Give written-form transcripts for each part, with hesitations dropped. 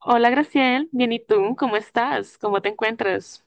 Hola, Graciel. Bien, ¿y tú? ¿Cómo estás? ¿Cómo te encuentras?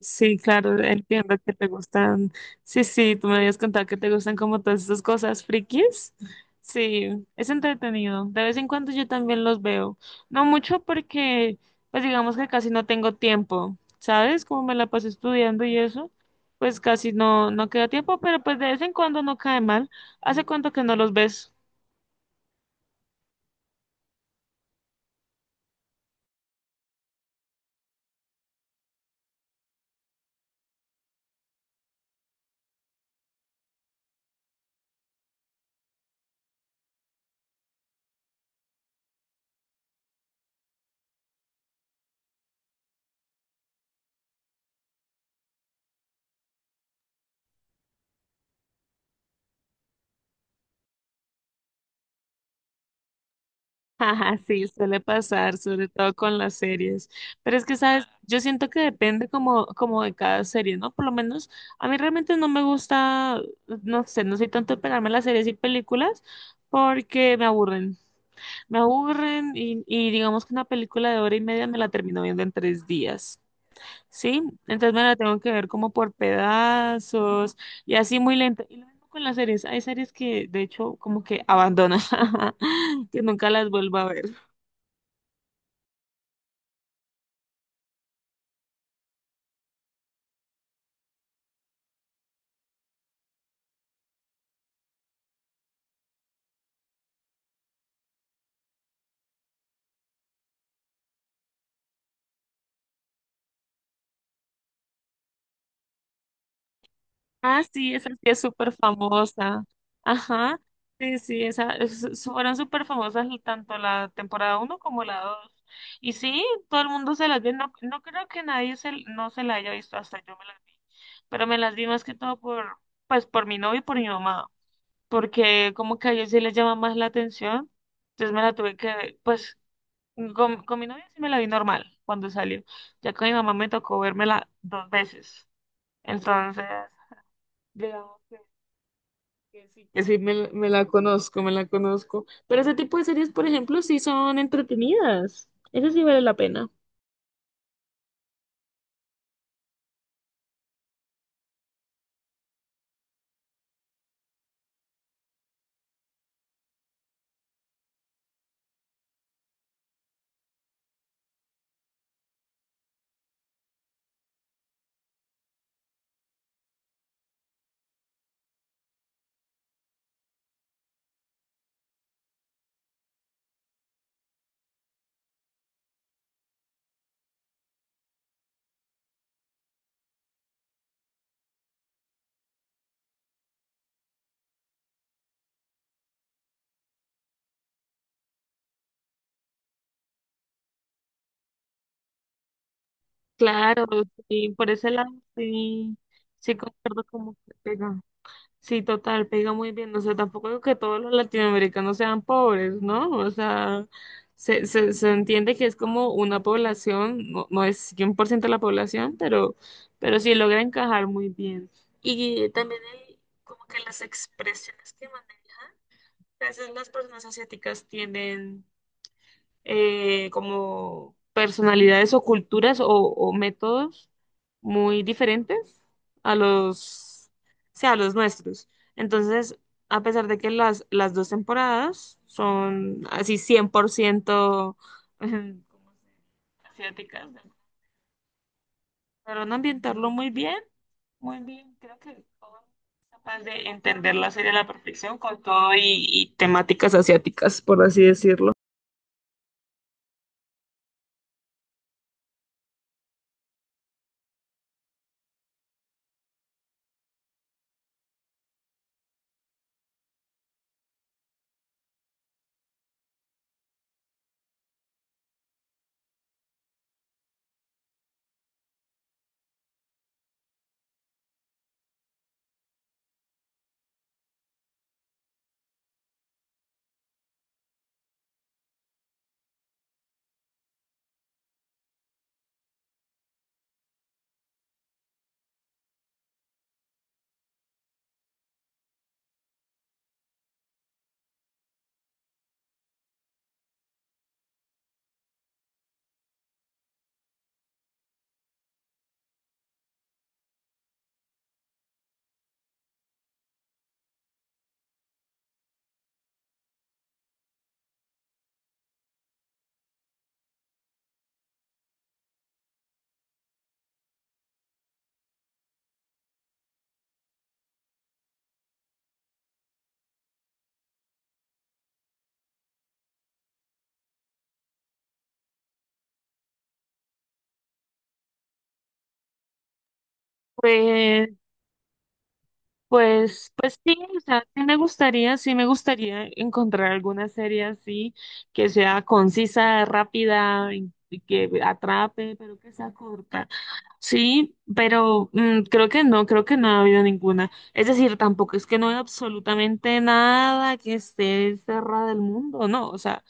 Sí, claro, entiendo que te gustan. Sí, sí, tú me habías contado que te gustan como todas esas cosas frikis. Sí, es entretenido. De vez en cuando yo también los veo. No mucho porque, pues digamos que casi no tengo tiempo, ¿sabes? Como me la paso estudiando y eso, pues casi no, no queda tiempo, pero pues de vez en cuando no cae mal. ¿Hace cuánto que no los ves? Ajá, sí, suele pasar, sobre todo con las series. Pero es que, ¿sabes? Yo siento que depende como, como de cada serie, ¿no? Por lo menos a mí realmente no me gusta, no sé, no soy tanto de pegarme las series y películas porque me aburren. Me aburren y digamos que una película de hora y media me la termino viendo en tres días, ¿sí? Entonces me la tengo que ver como por pedazos y así muy lenta. Y lo mismo con las series. Hay series que de hecho como que abandono, que nunca las vuelvo a ver. Ah, sí, esa sí es súper famosa. Ajá, sí, sí, esa, fueron súper famosas tanto la temporada uno como la dos. Y sí, todo el mundo se las vio. No, no creo que nadie se, no se la haya visto, hasta yo me las vi. Pero me las vi más que todo por, pues, por mi novio y por mi mamá. Porque como que a ellos sí les llama más la atención. Entonces me la tuve que, pues, con mi novio sí me la vi normal cuando salió. Ya con mi mamá me tocó vérmela dos veces. Entonces, digamos. Que sí, me la conozco, me la conozco. Pero ese tipo de series, por ejemplo, sí son entretenidas. Eso sí vale la pena. Claro, sí, por ese lado, sí, sí concuerdo como que pega. Sí, total, pega muy bien. O sea, tampoco digo que todos los latinoamericanos sean pobres, ¿no? O sea, se entiende que es como una población, no, no es 100% la población, pero sí logra encajar muy bien. Y también el- como que las expresiones que a veces las personas asiáticas tienen, como personalidades o culturas o métodos muy diferentes a los, o sea, a los nuestros. Entonces, a pesar de que las dos temporadas son así 100% ¿cómo se dice? Asiáticas, lograron ambientarlo muy bien, muy bien. Creo que todo es capaz de entender la serie a la perfección con todo y temáticas asiáticas, por así decirlo. Pues, pues sí, o sea, sí me gustaría encontrar alguna serie así, que sea concisa, rápida, y que atrape, pero que sea corta. Sí, pero creo que no ha habido ninguna. Es decir, tampoco es que no hay absolutamente nada que esté cerrada del mundo, no, o sea,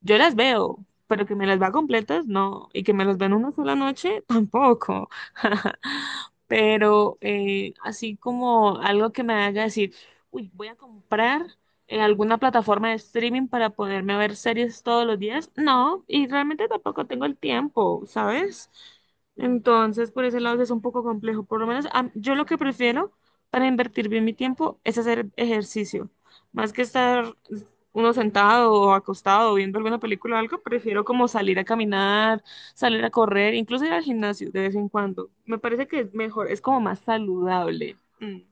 yo las veo, pero que me las va completas, no. Y que me las ven una sola noche, tampoco. Pero así como algo que me haga decir, uy, voy a comprar alguna plataforma de streaming para poderme ver series todos los días, no. Y realmente tampoco tengo el tiempo, ¿sabes? Entonces, por ese lado sí es un poco complejo. Por lo menos yo lo que prefiero para invertir bien mi tiempo es hacer ejercicio, más que estar uno sentado o acostado viendo alguna película o algo, prefiero como salir a caminar, salir a correr, incluso ir al gimnasio de vez en cuando. Me parece que es mejor, es como más saludable. Mm,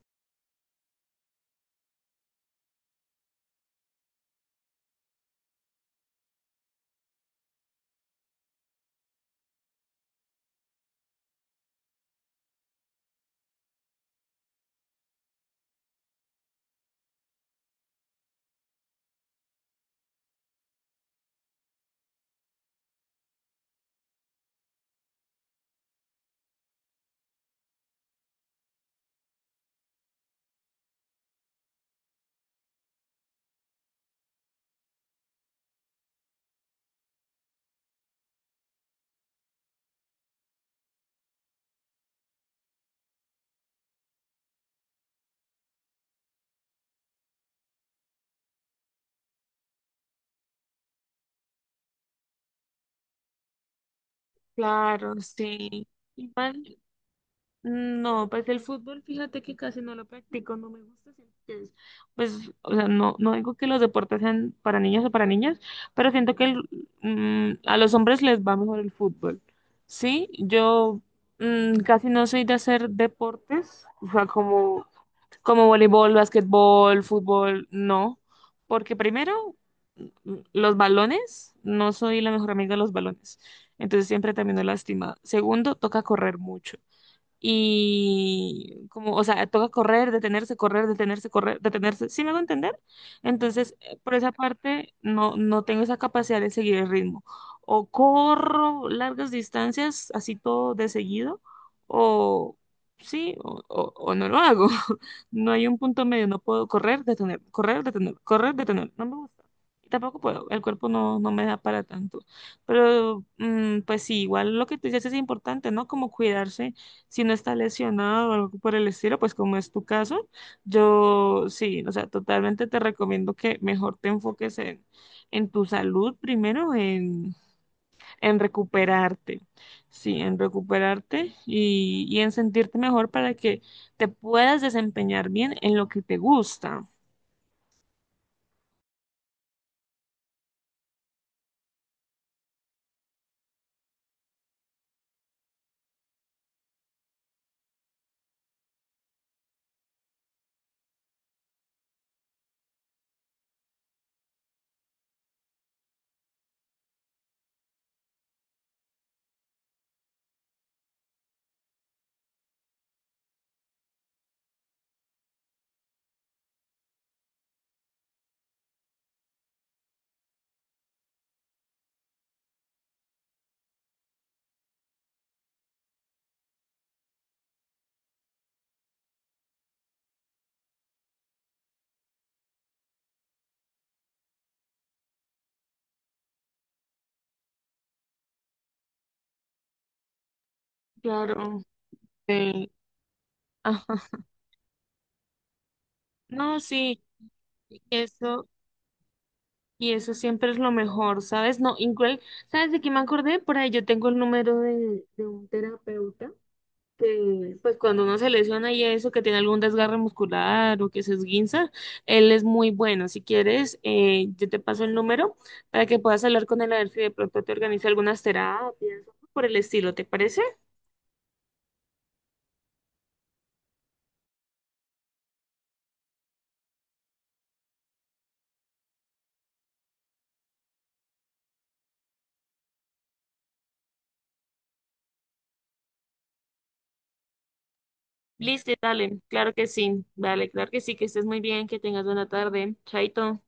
claro, sí. Igual no, pues el fútbol, fíjate que casi no lo practico, no me gusta. Siento que pues, o sea, no, no digo que los deportes sean para niños o para niñas, pero siento que a los hombres les va mejor el fútbol. Sí, yo casi no soy de hacer deportes, o sea, como, como voleibol, basquetbol, fútbol, no, porque primero, los balones, no soy la mejor amiga de los balones, entonces siempre termino lastimada. Segundo, toca correr mucho y como, o sea, toca correr, detenerse, correr, detenerse, correr, detenerse. ¿Sí me hago entender? Entonces, por esa parte, no, no tengo esa capacidad de seguir el ritmo. O corro largas distancias, así todo de seguido, o sí, o no lo hago. No hay un punto medio, no puedo correr, detener, correr, detener, correr, detener. No me gusta. Y tampoco puedo, el cuerpo no, no me da para tanto. Pero, pues sí, igual lo que tú dices es importante, ¿no? Como cuidarse si no está lesionado o algo por el estilo, pues como es tu caso, yo sí, o sea, totalmente te recomiendo que mejor te enfoques en tu salud primero, en recuperarte, sí, en recuperarte y en sentirte mejor para que te puedas desempeñar bien en lo que te gusta. Claro. eh, Ajá. No, sí, eso. Y eso siempre es lo mejor, ¿sabes? No, igual, ¿sabes de qué me acordé? Por ahí yo tengo el número de un terapeuta que, pues cuando uno se lesiona y eso, que tiene algún desgarre muscular o que se esguinza, él es muy bueno. Si quieres, yo te paso el número para que puedas hablar con él a ver si de pronto te organiza algunas terapias o por el estilo, ¿te parece? Listo, dale, claro que sí, dale, claro que sí, que estés muy bien, que tengas buena tarde, chaito.